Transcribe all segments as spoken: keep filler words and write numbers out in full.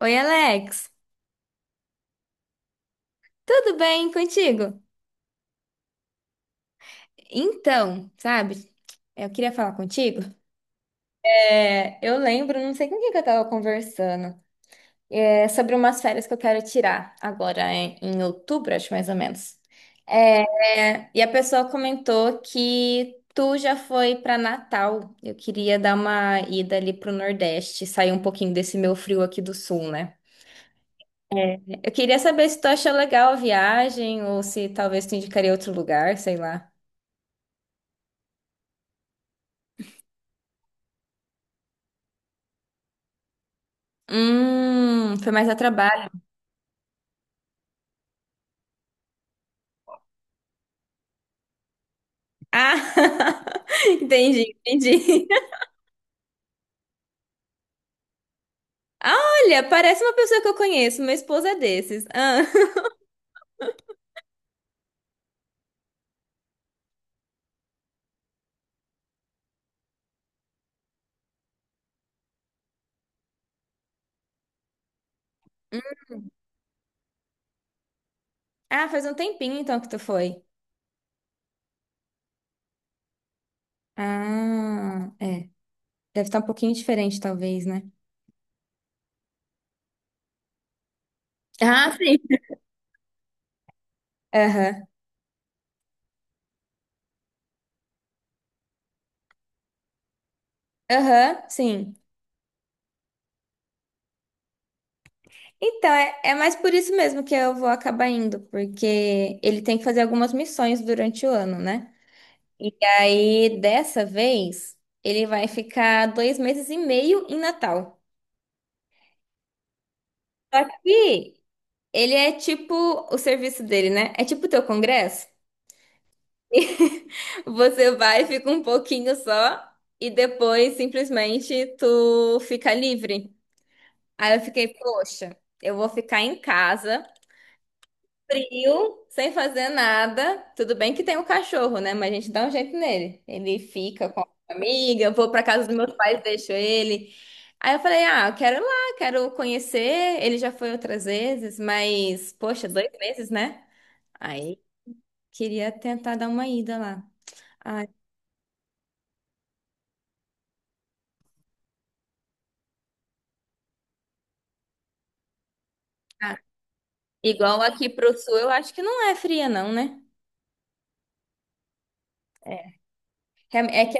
Oi, Alex. Tudo bem contigo? Então, sabe, eu queria falar contigo. É, eu lembro, não sei com quem que eu tava conversando, é, sobre umas férias que eu quero tirar agora em, em outubro, acho mais ou menos. É, é, e a pessoa comentou que tu já foi para Natal. Eu queria dar uma ida ali pro Nordeste, sair um pouquinho desse meu frio aqui do Sul, né? Eu queria saber se tu achou legal a viagem ou se talvez tu indicaria outro lugar, sei lá. Hum, foi mais a trabalho. Ah, entendi, entendi. Ah, olha, parece uma pessoa que eu conheço. Meu esposo é desses. Ah, ah, faz um tempinho então que tu foi. Ah, é. Deve estar um pouquinho diferente, talvez, né? Ah, sim. Aham, aham, sim. Então, é, é mais por isso mesmo que eu vou acabar indo, porque ele tem que fazer algumas missões durante o ano, né? E aí, dessa vez, ele vai ficar dois meses e meio em Natal. Só que ele é tipo o serviço dele, né? É tipo o teu congresso. Você vai, fica um pouquinho só e depois simplesmente tu fica livre. Aí eu fiquei, poxa, eu vou ficar em casa, frio, sem fazer nada. Tudo bem que tem um cachorro, né? Mas a gente dá um jeito nele. Ele fica com a amiga, eu vou pra casa dos meus pais, deixo ele. Aí eu falei, ah, eu quero ir lá, quero conhecer. Ele já foi outras vezes, mas, poxa, dois meses, né? Aí queria tentar dar uma ida lá. Ah, tá. Igual aqui pro sul, eu acho que não é fria, não, né? É, Real- é que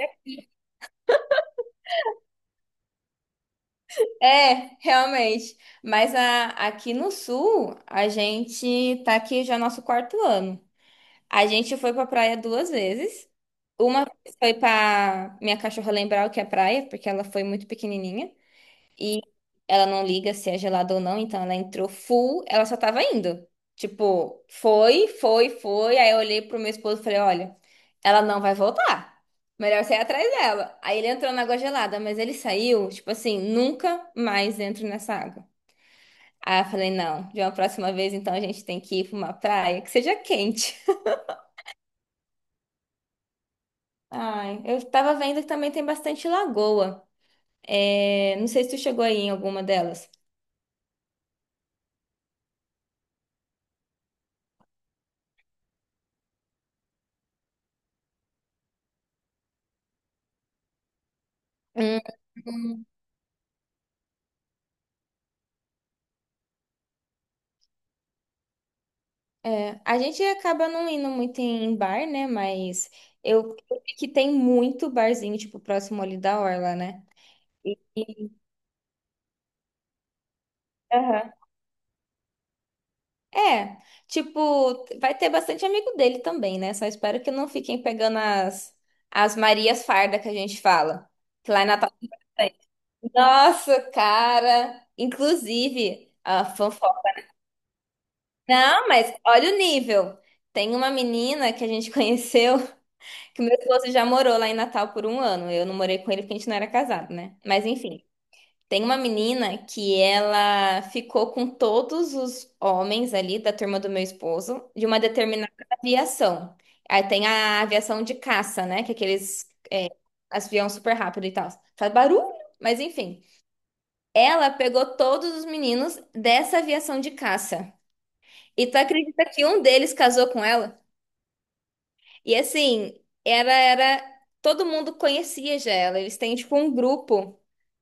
é, é, realmente. Mas a- aqui no sul, a gente tá aqui já nosso quarto ano. A gente foi pra praia duas vezes. Uma vez foi pra minha cachorra lembrar o que é praia, porque ela foi muito pequenininha. Ela não liga se é gelado ou não, então ela entrou full, ela só tava indo. Tipo, foi, foi, foi. Aí eu olhei pro meu esposo e falei: olha, ela não vai voltar. Melhor você ir atrás dela. Aí ele entrou na água gelada, mas ele saiu, tipo assim, nunca mais entro nessa água. Aí eu falei: não, de uma próxima vez então a gente tem que ir pra uma praia que seja quente. Ai, eu tava vendo que também tem bastante lagoa. É, não sei se tu chegou aí em alguma delas. Hum. É, a gente acaba não indo muito em bar, né? Mas eu, eu vi que tem muito barzinho, tipo, próximo ali da Orla, né? E- Aham. É, tipo, vai ter bastante amigo dele também, né? Só espero que não fiquem pegando as, as Marias Farda que a gente fala. Que lá em Natal tem bastante. Nossa, cara! Inclusive, a fanfoca. Não, mas olha o nível. Tem uma menina que a gente conheceu. Que meu esposo já morou lá em Natal por um ano. Eu não morei com ele porque a gente não era casado, né? Mas enfim, tem uma menina que ela ficou com todos os homens ali da turma do meu esposo de uma determinada aviação. Aí tem a aviação de caça, né? Que é aqueles é, avião super rápido e tal. Faz barulho, mas enfim. Ela pegou todos os meninos dessa aviação de caça. E tu acredita que um deles casou com ela? E assim, era, era, todo mundo conhecia já ela. Eles têm tipo um grupo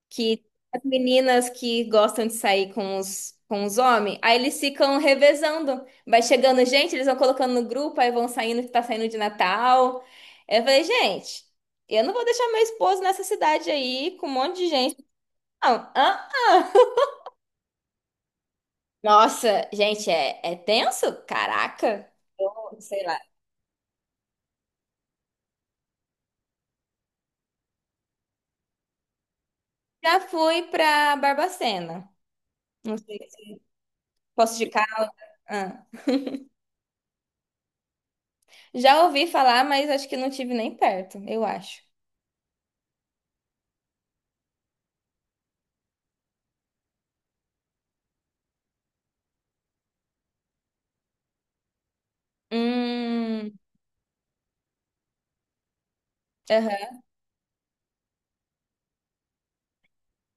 que as meninas que gostam de sair com os, com os homens, aí eles ficam revezando. Vai chegando gente, eles vão colocando no grupo, aí vão saindo que tá saindo de Natal. Eu falei, gente, eu não vou deixar meu esposo nessa cidade aí com um monte de gente. Não, ah, nossa, gente, é, é tenso? Caraca. Eu, sei lá. Já fui pra Barbacena. Não sei se posso de. Ah, já ouvi falar, mas acho que não tive nem perto, eu acho. Hum, aham,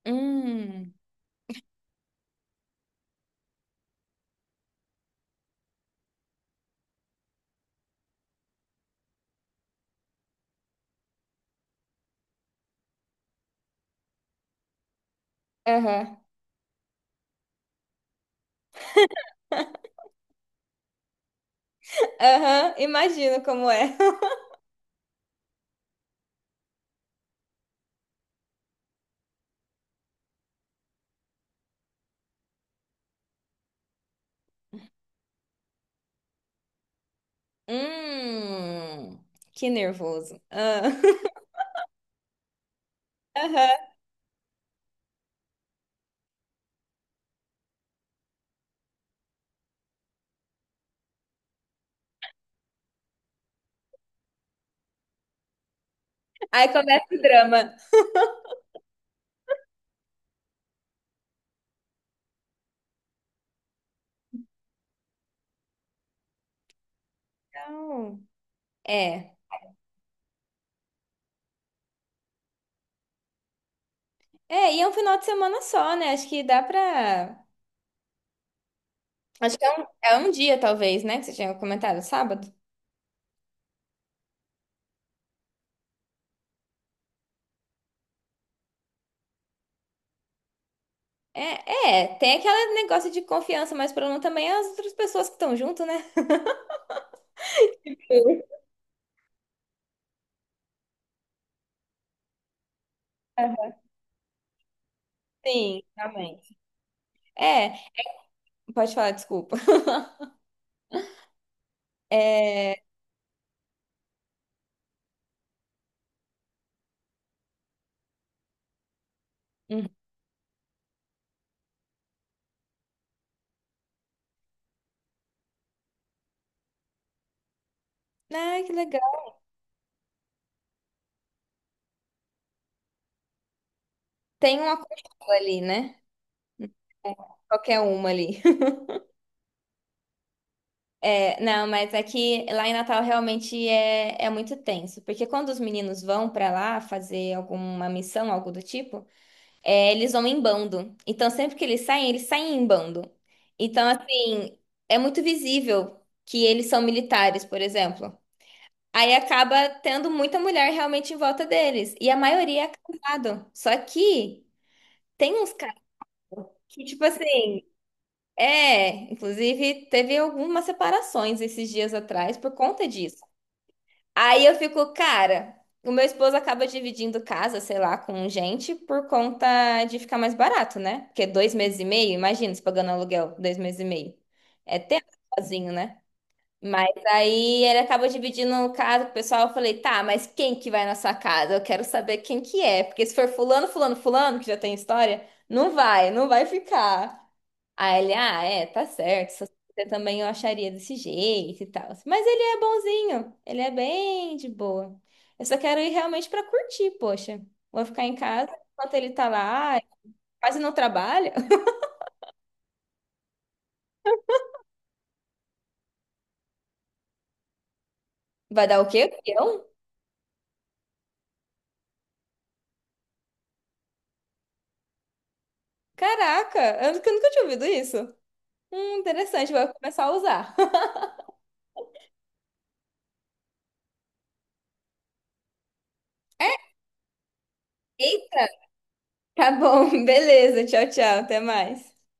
hum, aham, aham, imagino como é. Hum, que nervoso. Ah, Aham. Aí começa o drama. Não. É, é, e é um final de semana só, né? Acho que dá pra. Acho que é um, é um dia, talvez, né? Que você tinha comentado, sábado. É, é, tem aquele negócio de confiança, mas o problema também é as outras pessoas que estão junto, né? Sim. Sim, realmente. É, pode falar, desculpa. É. Hum. Ai, que legal. Tem uma costela ali, né? É, Qualquer uma ali. É, não, mas é que lá em Natal realmente é, é muito tenso, porque quando os meninos vão pra lá fazer alguma missão, algo do tipo, é, eles vão em bando. Então, sempre que eles saem, eles saem em bando. Então, assim, é muito visível que eles são militares, por exemplo. Aí acaba tendo muita mulher realmente em volta deles. E a maioria é casado. Só que tem uns caras que, tipo assim, é. Inclusive, teve algumas separações esses dias atrás por conta disso. Aí eu fico, cara, o meu esposo acaba dividindo casa, sei lá, com gente por conta de ficar mais barato, né? Porque dois meses e meio, imagina, se pagando aluguel, dois meses e meio. É tempo sozinho, né? Mas aí ele acabou dividindo o caso com o pessoal. Eu falei, tá, mas quem que vai na sua casa? Eu quero saber quem que é. Porque se for fulano, fulano, fulano, que já tem história, não vai, não vai ficar. Aí ele, ah, é, tá certo. Se fosse você também eu acharia desse jeito e tal. Mas ele é bonzinho. Ele é bem de boa. Eu só quero ir realmente pra curtir, poxa. Vou ficar em casa enquanto ele tá lá, quase não trabalha. Vai dar o quê? Eu? Caraca, eu nunca eu nunca tinha ouvido isso. Hum, interessante, vou começar a usar. É? Eita, tá bom, beleza. Tchau, tchau, até mais.